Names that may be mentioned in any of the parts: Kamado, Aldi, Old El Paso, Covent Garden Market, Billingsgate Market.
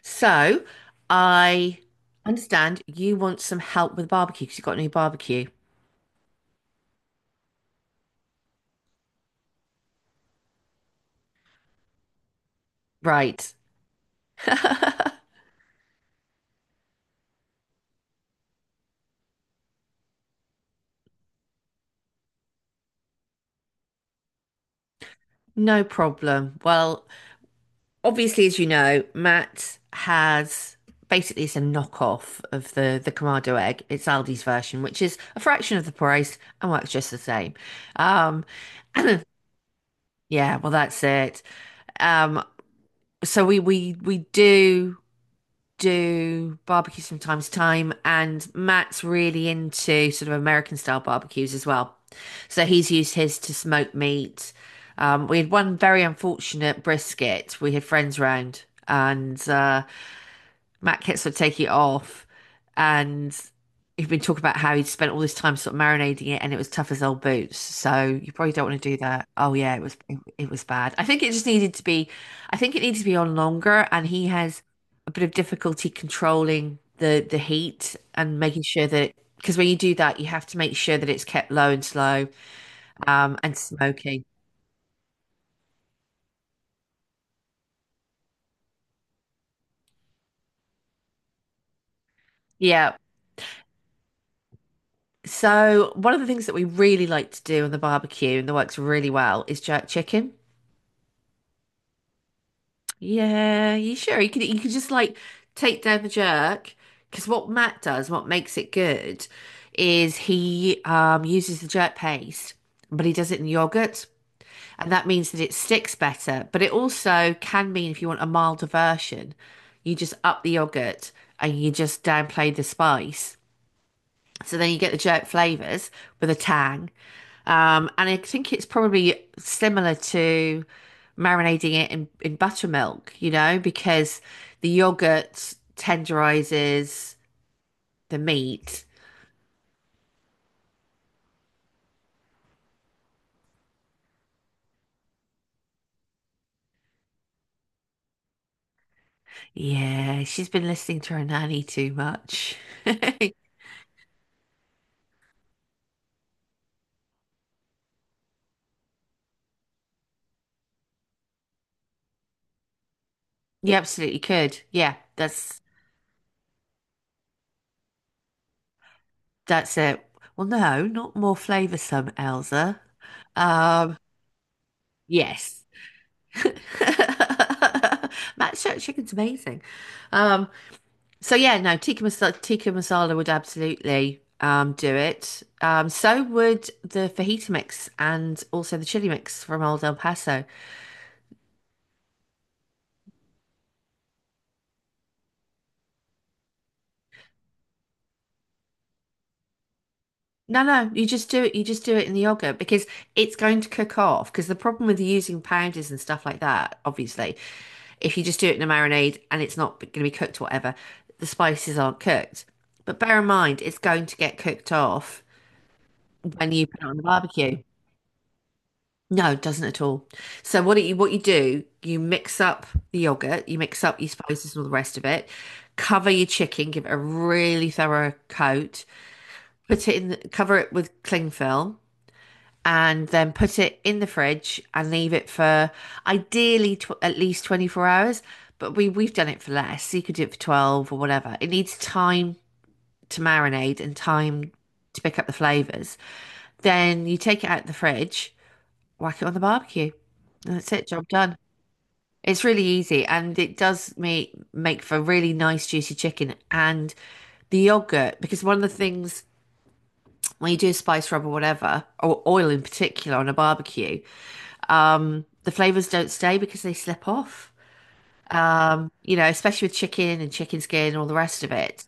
So I understand you want some help with barbecue because you've got a new barbecue. Right. No problem. Well, obviously, as you know, Matt has basically it's a knockoff of the Kamado egg. It's Aldi's version, which is a fraction of the price and works just the same. Um, yeah, well, that's it. Um, so we do barbecues from time to time, and Matt's really into sort of American style barbecues as well. So he's used his to smoke meat. We had one very unfortunate brisket. We had friends round, and Matt Kits would take it off, and he'd been talking about how he'd spent all this time sort of marinating it, and it was tough as old boots. So you probably don't want to do that. Oh yeah, it was bad. I think it needed to be on longer, and he has a bit of difficulty controlling the heat and making sure that because when you do that, you have to make sure that it's kept low and slow, and smoky. Yeah. So one of the things that we really like to do on the barbecue and that works really well is jerk chicken. Yeah, you sure? You could just like take down the jerk because what Matt does, what makes it good, is he uses the jerk paste, but he does it in yogurt, and that means that it sticks better. But it also can mean if you want a milder version, you just up the yogurt and you just downplay the spice. So then you get the jerk flavors with a tang, and I think it's probably similar to marinating it in buttermilk, you know, because the yogurt tenderizes the meat. Yeah, she's been listening to her nanny too much. You absolutely could. Yeah, that's it. Well, no, not more flavoursome, Elsa. Um, yes. Matt Shirt chicken's amazing. Um, So yeah, no, tikka masala would absolutely do it. So would the fajita mix and also the chili mix from Old El Paso. No, no, you just do it. You just do it in the yogurt because it's going to cook off. Because the problem with using powders and stuff like that, obviously, if you just do it in a marinade and it's not going to be cooked, whatever, the spices aren't cooked. But bear in mind, it's going to get cooked off when you put it on the barbecue. No, it doesn't at all. So what you do, you mix up the yogurt, you mix up your spices and all the rest of it, cover your chicken, give it a really thorough coat, put it in the, cover it with cling film, and then put it in the fridge and leave it for ideally tw at least 24 hours, but we've done it for less. So you could do it for 12 or whatever. It needs time to marinate and time to pick up the flavors. Then you take it out of the fridge, whack it on the barbecue. And that's it, job done. It's really easy and it does make for really nice juicy chicken and the yogurt because one of the things when you do a spice rub or whatever or oil in particular on a barbecue, the flavors don't stay because they slip off. You know, especially with chicken and chicken skin and all the rest of it.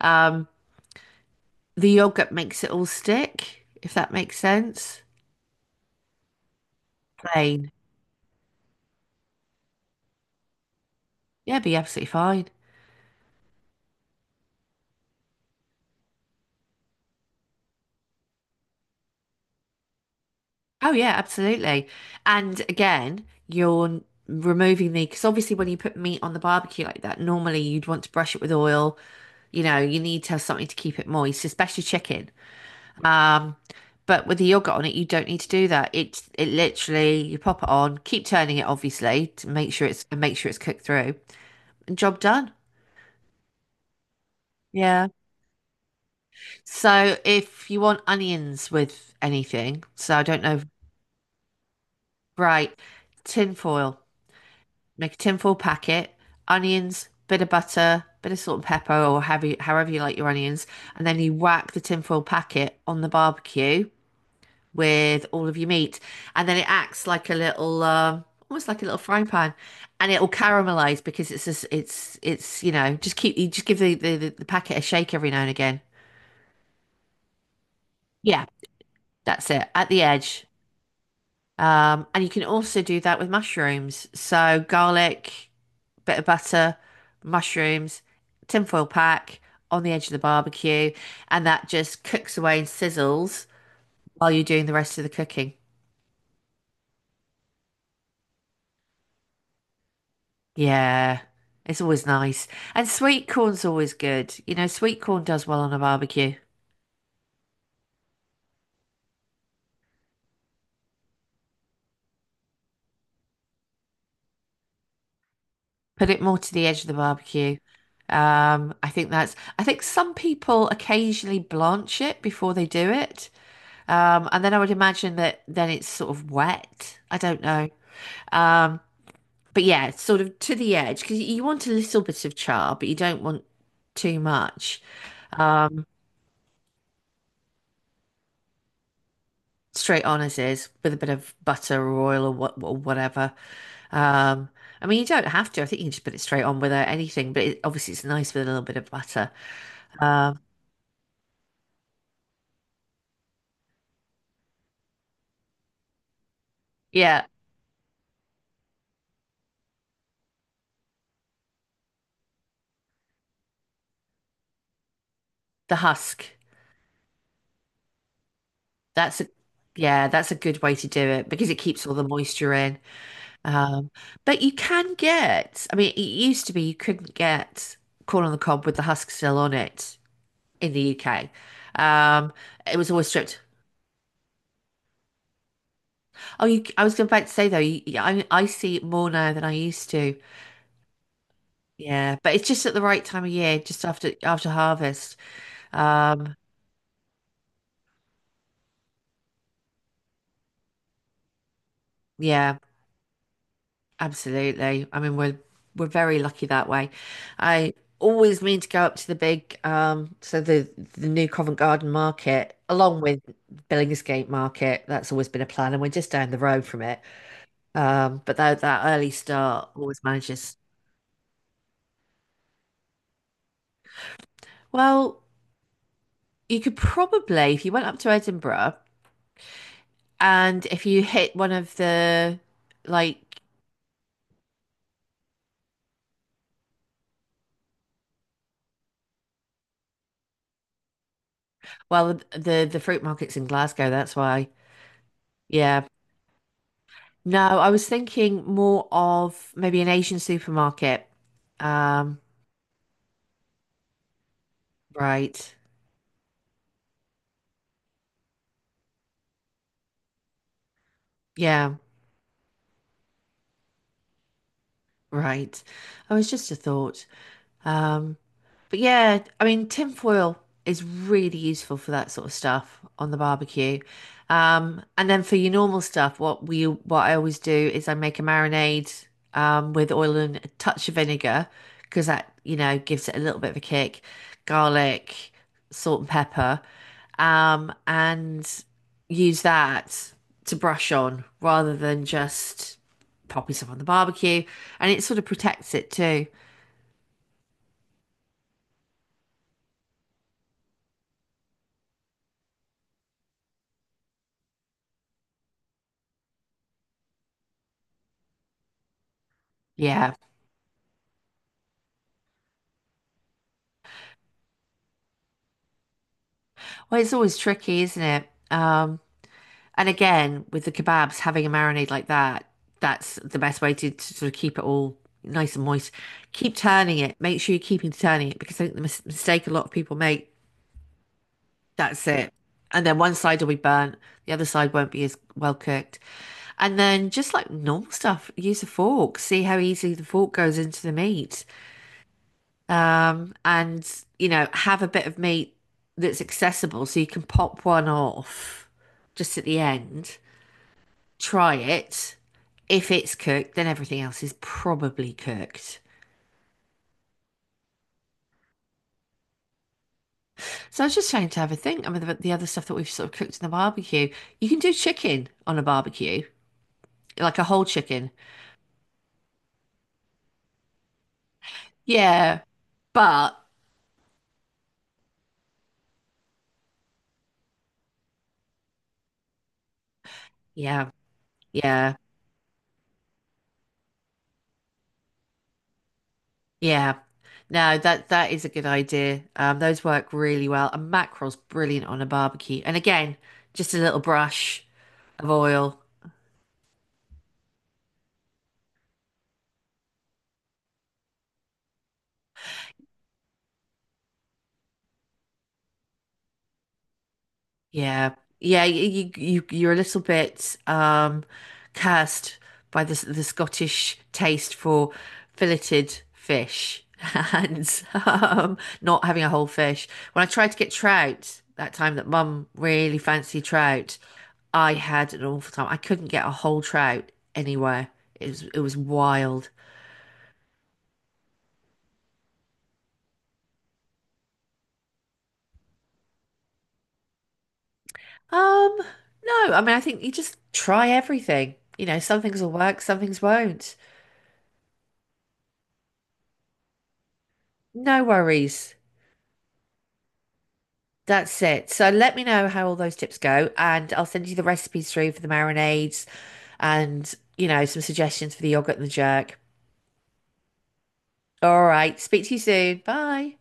Um, the yogurt makes it all stick, if that makes sense. Plain. Yeah, be absolutely fine. Oh yeah, absolutely. And again, removing the, because obviously when you put meat on the barbecue like that, normally you'd want to brush it with oil. You know, you need to have something to keep it moist, especially chicken. Um, but with the yogurt on it, you don't need to do that. It's it literally you pop it on, keep turning it obviously to make sure it's and make sure it's cooked through, and job done. Yeah. So if you want onions with anything, so I don't know, right, tin foil. Make a tinfoil packet, onions, bit of butter, bit of salt and pepper, however you like your onions, and then you whack the tinfoil packet on the barbecue with all of your meat, and then it acts like a little, almost like a little frying pan, and it will caramelize because it's just, it's you know just keep you just give the packet a shake every now and again. Yeah, that's it at the edge. And you can also do that with mushrooms. So garlic, bit of butter, mushrooms, tinfoil pack on the edge of the barbecue, and that just cooks away and sizzles while you're doing the rest of the cooking. Yeah, it's always nice. And sweet corn's always good. You know, sweet corn does well on a barbecue. Put it more to the edge of the barbecue. I think some people occasionally blanch it before they do it. And then I would imagine that then it's sort of wet. I don't know. Um, But yeah, it's sort of to the edge because you want a little bit of char, but you don't want too much. Um, Straight on as is with a bit of butter or oil or whatever. Um, I mean, you don't have to. I think you can just put it straight on without anything. But it, obviously, it's nice with a little bit of butter. Um, yeah, the husk. That's a Yeah, that's a good way to do it because it keeps all the moisture in. Um, but you can get. I mean, it used to be you couldn't get corn on the cob with the husk still on it in the UK. Um, it was always stripped. I was about to say though, yeah, I see it more now than I used to. Yeah, but it's just at the right time of year, just after harvest. Um, yeah, absolutely. I mean, we're very lucky that way. I always mean to go up to the big, so the new Covent Garden Market, along with Billingsgate Market. That's always been a plan, and we're just down the road from it. But that early start always manages. Well, you could probably, if you went up to Edinburgh and if you hit one of the like well the fruit markets in Glasgow, that's why. Yeah. No, I was thinking more of maybe an Asian supermarket. Um, right. Yeah, right. Oh, it's just a thought. Um, But yeah, I mean, tin foil is really useful for that sort of stuff on the barbecue. And then for your normal stuff, what we what I always do is I make a marinade with oil and a touch of vinegar because that, you know, gives it a little bit of a kick. Garlic, salt and pepper, and use that to brush on rather than just popping stuff on the barbecue. And it sort of protects it too. Yeah, well, it's always tricky, isn't it? And again, with the kebabs, having a marinade like that, that's the best way to sort of keep it all nice and moist. Keep turning it. Make sure you're keeping turning it because I think the mis mistake a lot of people make, that's it. And then one side will be burnt, the other side won't be as well cooked. And then just like normal stuff, use a fork. See how easily the fork goes into the meat and you know, have a bit of meat that's accessible so you can pop one off just at the end, try it. If it's cooked, then everything else is probably cooked. So I was just trying to have a think. I mean, the other stuff that we've sort of cooked in the barbecue, you can do chicken on a barbecue, like a whole chicken. Yeah, but yeah, yeah. Yeah. No, that is a good idea. Those work really well. And mackerel's brilliant on a barbecue. And again, just a little brush of oil. Yeah. Yeah, you're a little bit cursed by the Scottish taste for filleted fish and not having a whole fish. When I tried to get trout that time that Mum really fancied trout, I had an awful time. I couldn't get a whole trout anywhere. It was wild. Um, no, I mean I think you just try everything. You know, some things will work, some things won't. No worries. That's it. So let me know how all those tips go, and I'll send you the recipes through for the marinades and, you know, some suggestions for the yogurt and the jerk. All right. Speak to you soon. Bye.